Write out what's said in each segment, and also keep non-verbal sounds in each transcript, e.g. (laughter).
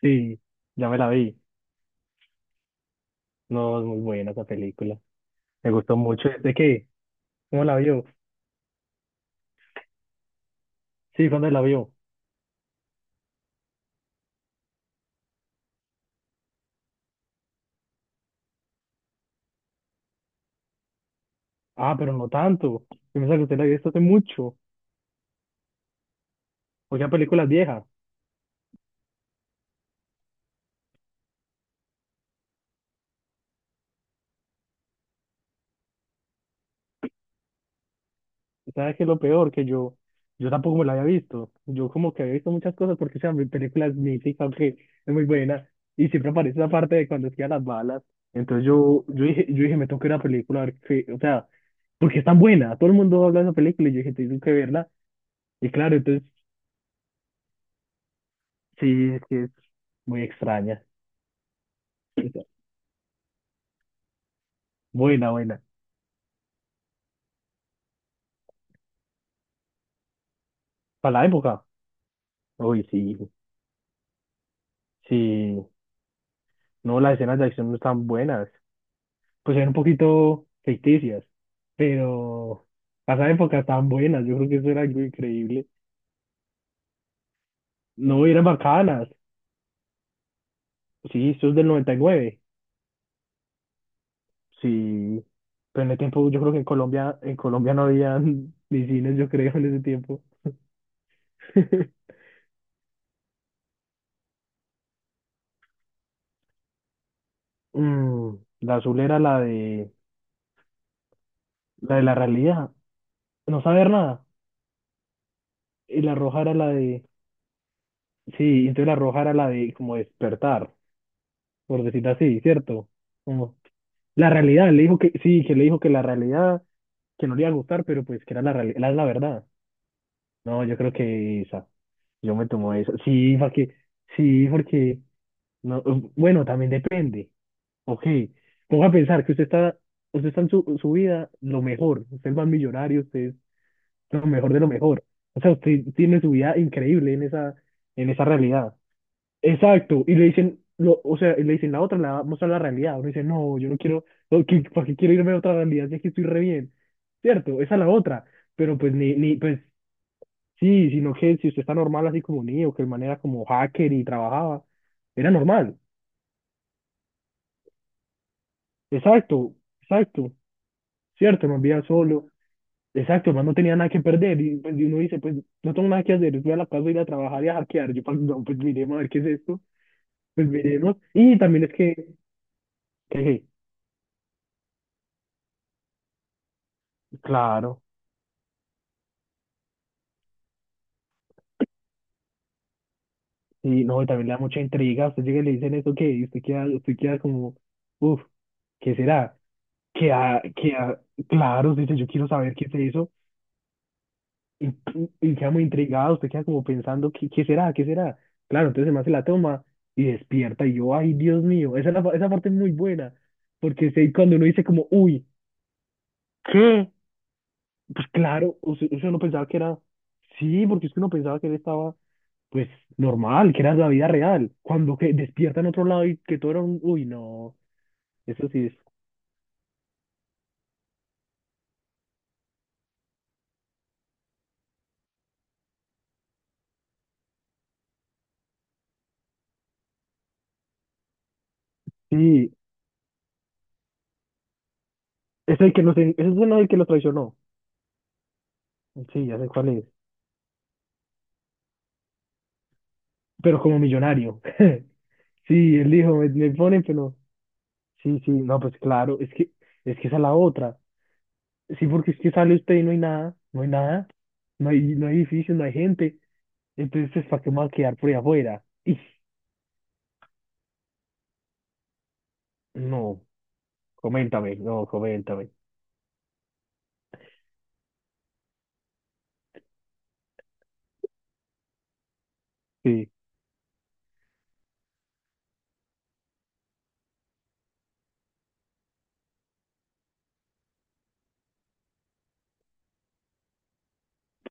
Sí, ya me la vi. No, es muy buena esa película. Me gustó mucho. ¿De qué? ¿Cómo la vio? Sí, ¿cuándo la vio? Ah, pero no tanto. Yo pensaba que usted la había visto hace mucho. O sea, películas viejas. ¿Sabes qué es lo peor? Que yo tampoco me la había visto. Yo como que había visto muchas cosas porque, o sea, mi película es mítica, que es muy buena. Y siempre aparece esa parte de cuando esquivan las balas. Entonces yo dije, me tengo que ir a la película a ver qué, o sea, porque es tan buena. Todo el mundo habla de esa película y yo dije, tengo que verla. Y claro, entonces sí, sí, es muy extraña. Buena, buena. Para la época. Uy, sí, sí. No, las escenas de acción no están buenas. Pues eran un poquito ficticias, pero para esa época estaban buenas. Yo creo que eso era algo increíble. No, eran bacanas. Sí, eso es del 99. Sí. Pero en el tiempo, yo creo que en Colombia no había (laughs) ni cines, yo creo, en ese tiempo. (laughs) La azul era la de la realidad. No saber nada. Y la roja era la de, sí, entonces la roja era la de como despertar, por decirlo así, ¿cierto? Como la realidad, le dijo que, sí, que le dijo que la realidad, que no le iba a gustar, pero pues que era la realidad, la verdad. No, yo creo que esa, yo me tomo esa. Sí, porque, no, bueno, también depende. Ok, ponga a pensar que usted está en su vida lo mejor, usted es más millonario, usted es lo mejor de lo mejor. O sea, usted tiene su vida increíble en esa realidad. Exacto, y le dicen, o sea, y le dicen la otra, la vamos a la realidad. Uno dice, no, yo no quiero, no, ¿para qué quiero irme a otra realidad si aquí estoy re bien? Cierto, esa es la otra, pero pues ni, pues sí, sino que si usted está normal así como Neo, que el man era como hacker y trabajaba, era normal. Exacto, exacto, cierto, no vivía solo, exacto, el man no tenía nada que perder, y pues y uno dice, pues no tengo nada que hacer, voy a la casa, voy a ir a trabajar y a hackear. Yo, pues, no, pues miremos a ver qué es esto, pues miremos, y también es que, claro. Sí, no, y también le da mucha intriga. Usted llega y le dicen eso, ¿qué? Y usted queda como, uff, ¿qué será? Que, a- que, a- claro, usted dice, yo quiero saber qué se hizo. Y, y queda muy intrigado, usted queda como pensando, ¿qué será? ¿Qué será? Claro, entonces además se la toma y despierta. Y yo, ay, Dios mío, esa parte es muy buena. Porque cuando uno dice como, uy, ¿qué? Pues claro, o sea, uno pensaba que era, sí, porque es que uno pensaba que él estaba, pues, normal, que era la vida real. Cuando que despierta en otro lado y que todo era un, uy, no, eso sí, es el que los, ese es uno del que lo traicionó. Sí, ya sé cuál es, pero como millonario. (laughs) Sí, él dijo, me ponen, pero, sí, sí, no, pues claro, es que esa es la otra. Sí, porque es que sale usted y no hay nada, no hay nada, no hay edificios, no hay gente, entonces, ¿para qué me va a quedar por ahí afuera? Y, no. Coméntame, no, coméntame. Sí,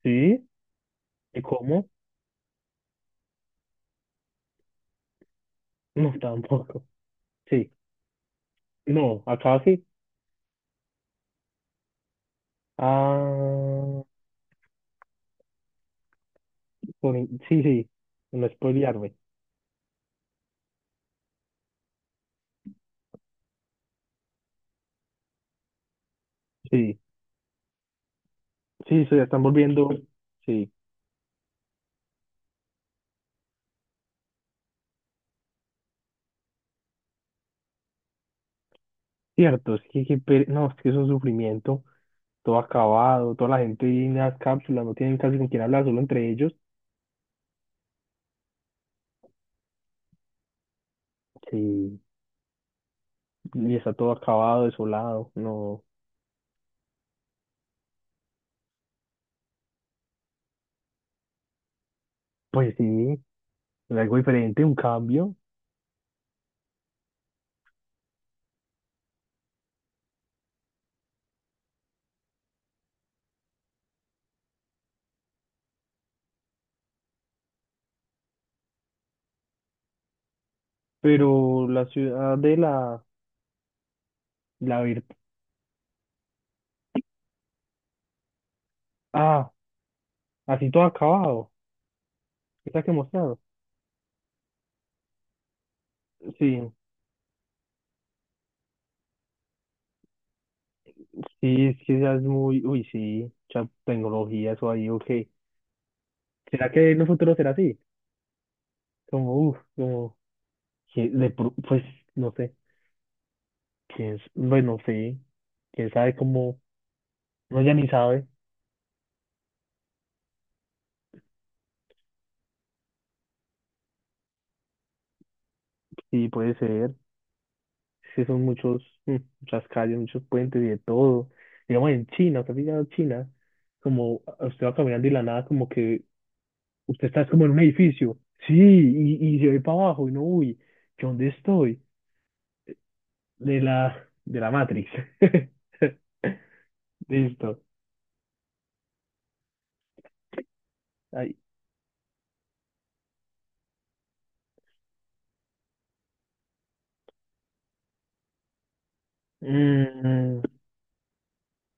sí, ¿y cómo? No, (laughs) tampoco. Sí, no, acá sí. Ah, sí, sí, no spoilearme. Sí, sí, se están volviendo, sí, cierto, es que, no, es que es un sufrimiento, todo acabado, toda la gente en las cápsulas, no tienen casi con quién hablar, solo entre ellos, sí, y está todo acabado, desolado, no, pues sí, es algo diferente, un cambio, pero la ciudad de la virtud. Así todo acabado. ¿Está que mostrado? Sí, sí, es que ya es muy. Uy, sí, mucha tecnología, eso ahí, ok. ¿Será que en el futuro será así? Como, uff, como. Que pues, no sé. ¿Quién es? Bueno, sí. ¿Quién sabe cómo? No, ya ni sabe. Sí, puede ser. Sí, son muchos, muchas calles, muchos puentes y de todo. Digamos en China, ¿usted ha pillado China? Como usted va caminando y la nada, como que usted está como en un edificio, sí, y se ve para abajo, y no, uy, ¿yo dónde estoy? De la Matrix. (laughs) Listo. Ay. Mm,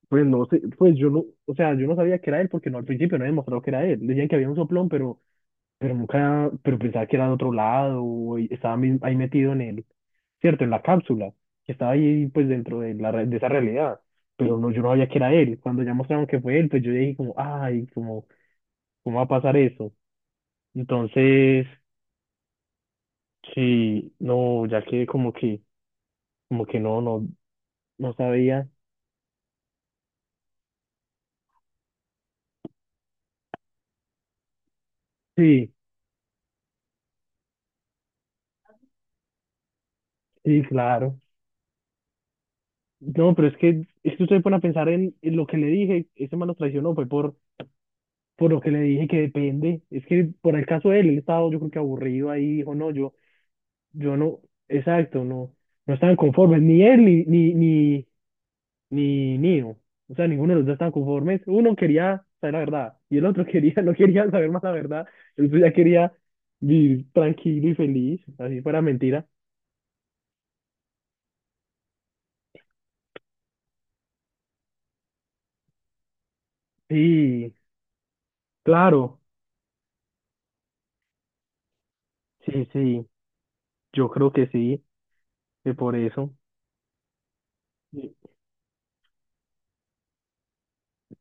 pues no sé, pues yo no, o sea, yo no sabía que era él porque no al principio no había demostrado que era él. Decían que había un soplón, pero, nunca, pero pensaba que era de otro lado, o estaba ahí metido en el, cierto, en la cápsula, que estaba ahí pues dentro de de esa realidad. Pero no, yo no sabía que era él. Cuando ya mostraron que fue él, pues yo dije como, ay, como, ¿cómo va a pasar eso? Entonces, sí, no, ya que como que no, no sabía. Sí, sí, claro. No, pero es que, usted se pone a pensar en lo que le dije, ese man lo traicionó, fue por lo que le dije que depende. Es que por el caso de él, él estaba yo creo que aburrido ahí, dijo, no, yo no, exacto, no, no estaban conformes, ni él, ni Neo. O sea, ninguno de los dos estaban conformes. Uno quería saber la verdad y el otro quería, (laughs) no quería saber más la verdad. El otro ya quería vivir tranquilo y feliz, así fuera mentira. Sí, claro, sí, sí, yo creo que sí, que por eso. Sí.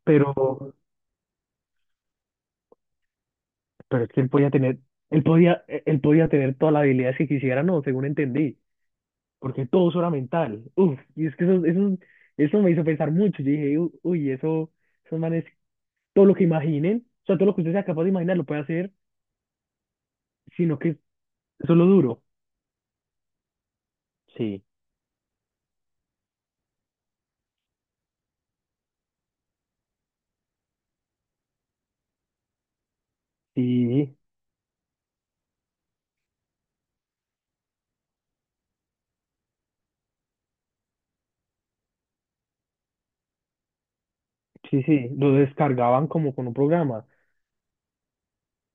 Pero, pero es que él podía tener todas las habilidades que quisiera, no, según entendí, porque todo eso era mental. Uf, y es que eso me hizo pensar mucho. Yo dije, "Uy, esos manes todo lo que imaginen, o sea, todo lo que usted sea capaz de imaginar lo puede hacer, sino que eso es lo duro. Sí, sí, sí, sí, lo descargaban como con un programa.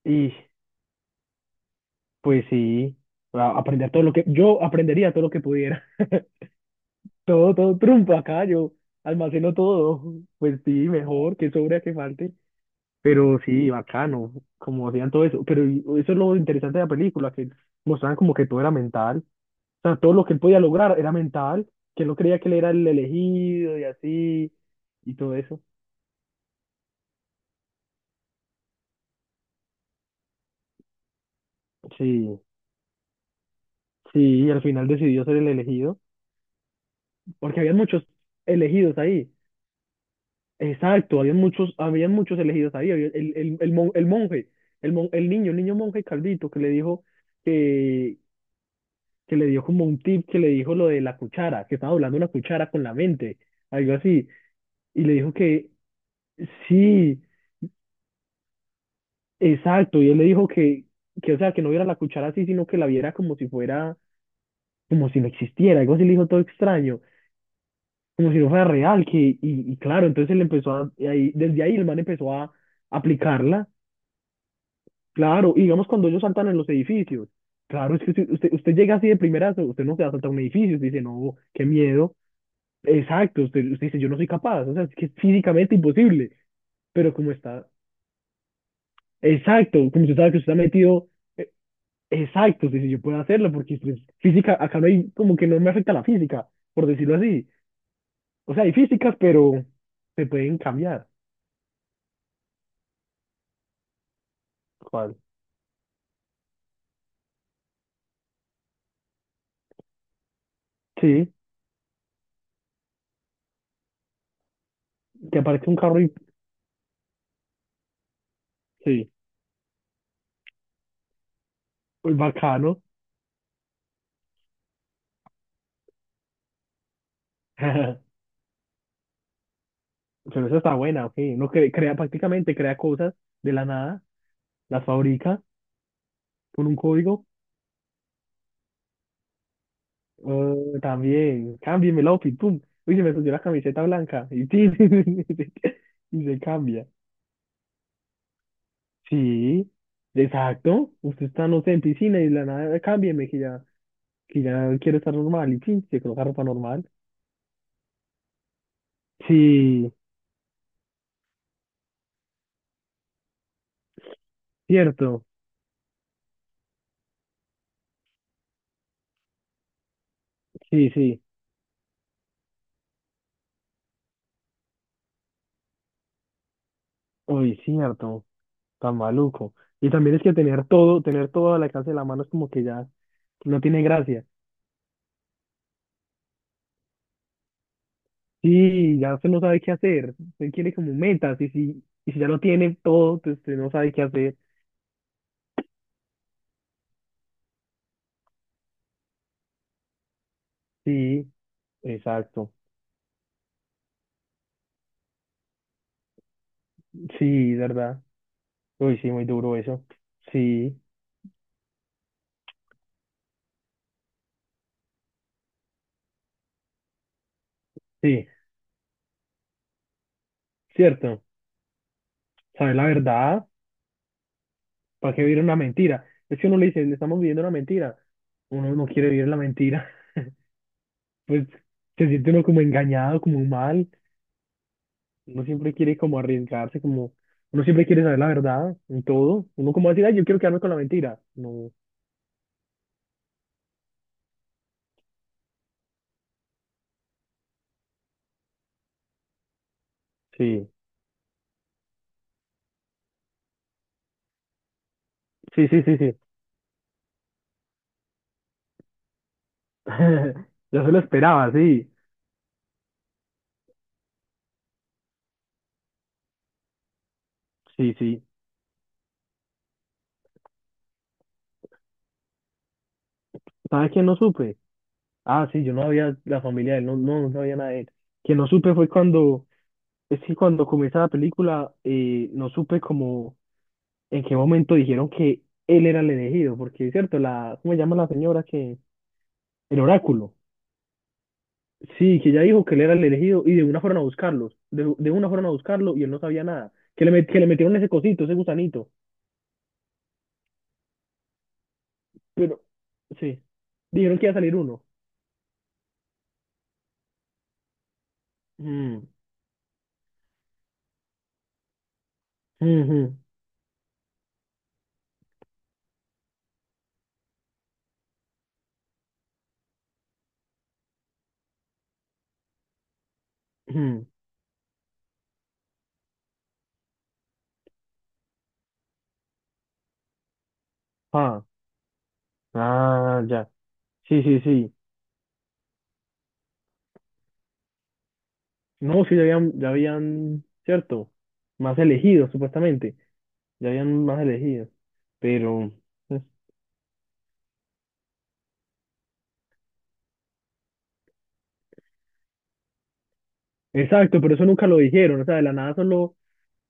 Y pues sí, aprender todo lo que, yo aprendería todo lo que pudiera. (laughs) Todo, todo trumpa acá, yo almaceno todo. Pues sí, mejor, que sobra que falte. Pero sí, bacano, como hacían todo eso. Pero eso es lo interesante de la película, que mostraban como que todo era mental. O sea, todo lo que él podía lograr era mental, que él no creía que él era el elegido y así, y todo eso. Sí, sí, y al final decidió ser el elegido, porque habían muchos elegidos ahí. Exacto, habían muchos elegidos ahí. Había el, mon- el monje, el, mon- el niño monje Caldito, que le dijo que, que, le dio como un tip, que le dijo lo de la cuchara, que estaba hablando una cuchara con la mente, algo así. Y le dijo que sí. Exacto, y él le dijo que, o sea, que no viera la cuchara así, sino que la viera como si fuera, como si no existiera, algo así le dijo todo extraño, como si no fuera real, que, y claro, entonces él empezó a, y ahí, desde ahí el man empezó a aplicarla, claro, y digamos cuando ellos saltan en los edificios, claro, es que si usted llega así de primera, usted no se va a saltar un edificio, usted dice, no, qué miedo, exacto, usted dice, yo no soy capaz, o sea, es que es físicamente imposible, pero como está, exacto, como usted sabe que usted está metido. Exacto, sí, sí, yo puedo hacerlo porque pues, física, acá no hay, como que no me afecta la física, por decirlo así. O sea, hay físicas, pero se pueden cambiar. ¿Cuál? Sí, que aparece un carro y sí, pues bacano. (laughs) Pero eso está buena, ok. Uno crea prácticamente, crea cosas de la nada, las fabrica con un código. También, cámbiame el outfit, pum. Uy, se me subió la camiseta blanca y, tin, (laughs) y se cambia. Sí, exacto. Usted está, no sé, en piscina y de la nada, cámbieme que ya, quiero estar normal y sí, se coloca ropa normal. Sí, cierto. Sí, sí. Uy, cierto. Tan maluco. Y también es que tener todo al alcance de la mano es como que ya no tiene gracia. Sí, ya usted no sabe qué hacer. Usted quiere como metas y si ya lo tiene todo, pues usted no sabe qué hacer. Sí, exacto. Sí, verdad. Uy, sí, muy duro eso. Sí, sí, cierto. Saber la verdad, ¿para qué vivir una mentira? Es que uno le dice, le estamos viviendo una mentira. Uno no quiere vivir la mentira. (laughs) Pues se siente uno como engañado, como mal. Uno siempre quiere como arriesgarse, como uno siempre quiere saber la verdad en todo. Uno como va a decir, ay, yo quiero quedarme con la mentira. No, sí, sí, sí, sí, sí. (laughs) Yo se lo esperaba, sí, sí, sí. ¿Sabes quién no supe? Ah, sí, yo no había la familia de él, no, no, no sabía nada de él. Quien no supe fue cuando, es que cuando comienza la película, no supe como en qué momento dijeron que él era el elegido, porque es cierto, ¿cómo se llama la señora que? El oráculo. Sí, que ella dijo que él era el elegido y de una fueron a buscarlos, de una fueron a buscarlo y él no sabía nada, que le metieron ese cosito, ese gusanito, pero sí, dijeron que iba a salir uno. Mm, ujú, ujú. Ah, ah, ya. Sí, sí, sí. No, sí, ya habían, cierto, más elegidos, supuestamente, ya habían más elegidos, pero, pues, exacto, pero eso nunca lo dijeron, o sea, de la nada solo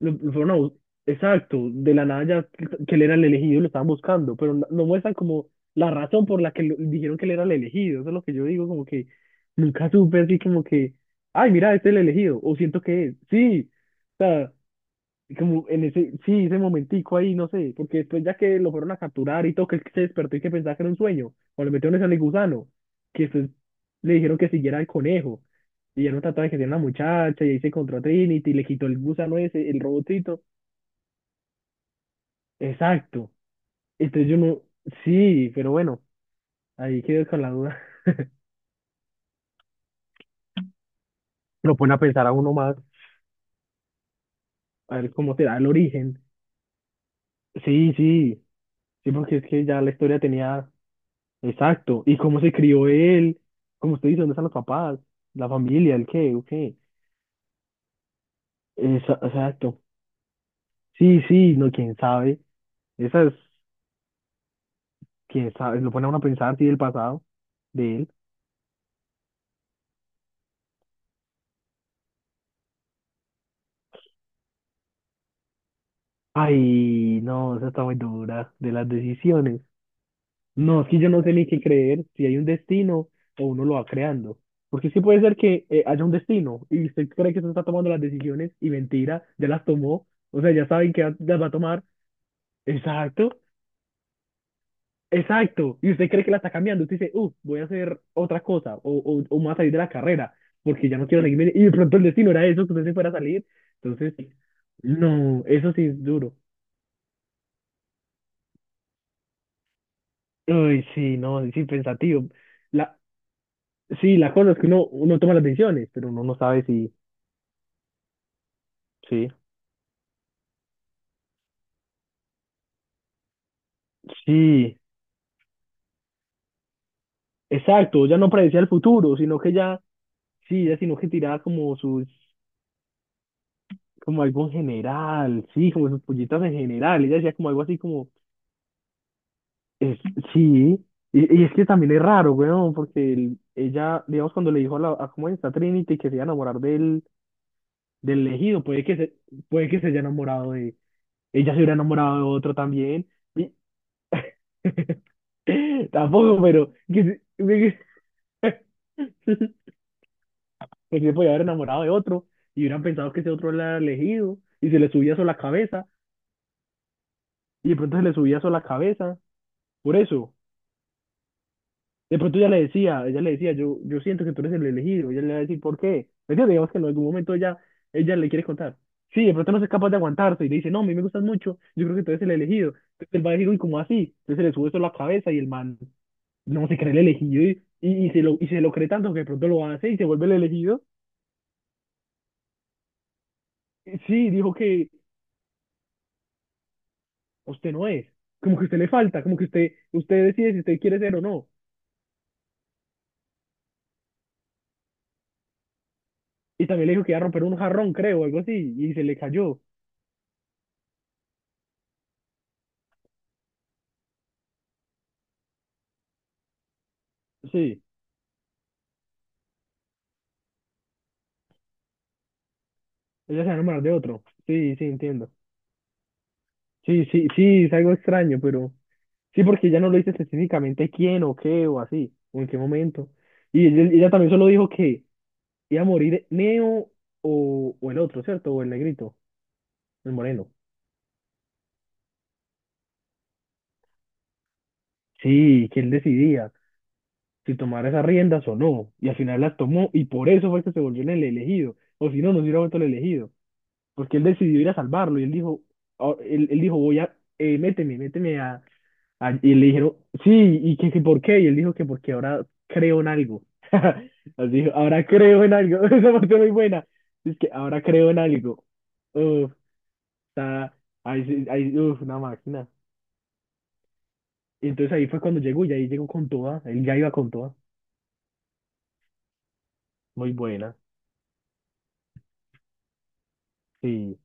lo fueron a bus- Exacto, de la nada ya que él era el elegido y lo estaban buscando, pero no muestran como la razón por la que lo- dijeron que él era el elegido, eso es lo que yo digo, como que nunca supe así como que, ay, mira, este es el elegido, o siento que es, sí, como en ese, sí, ese momentico ahí, no sé, porque después ya que lo fueron a capturar y todo, que él se despertó y que pensaba que era un sueño, cuando le metieron ese al gusano, que después le dijeron que siguiera al conejo, y ya no trataba de que tenía una muchacha, y ahí se encontró a Trinity, y le quitó el gusano ese, el robotito, exacto, entonces yo no, sí, pero bueno, ahí quedé con la duda, (laughs) lo pone a pensar a uno más, a ver cómo será el origen, sí, sí, sí, porque es que ya la historia tenía. Exacto. ¿Y cómo se crió él? Como usted dice, ¿dónde están los papás? ¿La familia? ¿El qué? ¿O qué? Exacto. Sí, sí, no, quién sabe. Esa es, quién sabe, lo pone a uno a pensar, sí, del pasado de él. Ay, no, esa está muy dura, de las decisiones. No, es que yo no sé ni qué creer, si hay un destino o uno lo va creando. Porque sí puede ser que haya un destino y usted cree que usted está tomando las decisiones y mentira, ya las tomó, o sea, ya saben que las va a tomar. Exacto. Exacto, y usted cree que la está cambiando, usted dice, voy a hacer otra cosa, o me voy a salir de la carrera, porque ya no quiero seguirme, y de pronto el destino era eso, que usted se fuera a salir, entonces, no, eso sí es duro. Uy, sí, no, sí, pensativo. La, sí, la cosa es que uno, toma las decisiones, pero uno no sabe si, sí, sí, exacto, ya no predecía el futuro, sino que ya, sí, ya sino que tiraba como sus, como algo en general, sí, como sus pollitas en general, ella decía como algo así como es, sí, y es que también es raro, weón, porque ella, digamos, cuando le dijo a cómo está Trinity que se iba a enamorar del elegido, puede que se haya enamorado de, ella se hubiera enamorado de otro también. y- (laughs) Tampoco, pero que se, (laughs) pues se podía haber enamorado de otro y hubieran pensado que ese otro era el elegido y se le subía eso a la cabeza y de pronto se le subía eso a la cabeza. Por eso. De pronto ella le decía, yo siento que tú eres el elegido. Ella le va a decir, ¿por qué? Porque digamos que en algún momento ella le quiere contar. Sí, de pronto no es capaz de aguantarse y le dice, no, a mí me gustas mucho, yo creo que tú eres el elegido. Entonces él va a decir, uy, ¿cómo así? Entonces se le sube eso a la cabeza y el man no se cree el elegido y se lo cree tanto que de pronto lo hace y se vuelve el elegido. Y sí, dijo que usted no es, como que usted le falta, como que usted decide si usted quiere ser o no. Y también le dijo que iba a romper un jarrón, creo, algo así, y se le cayó. Sí. Ella se va a enamorar de otro. Sí, sí, entiendo. Sí, sí, sí, es algo extraño, pero sí, porque ella no lo dice específicamente quién o qué o así, o en qué momento. Y ella también solo dijo que iba a morir Neo o el otro, ¿cierto? O el negrito, el moreno. Sí, que él decidía si tomar esas riendas o no. Y al final las tomó y por eso fue que se volvió en el elegido. O si no, no se hubiera vuelto el elegido. Porque él decidió ir a salvarlo y él dijo, ah, él dijo, voy a, méteme a, Ah, y le dijeron, sí, y que por qué, y él dijo que porque ahora creo en algo. (laughs) Así dijo, ahora creo en algo. (laughs) Esa parte muy buena. Es que ahora creo en algo. Uf, está, ahí, sí- ahí, uf, una máquina. Y entonces ahí fue cuando llegó y ahí llegó con toda, él ya iba con toda. Muy buena, sí.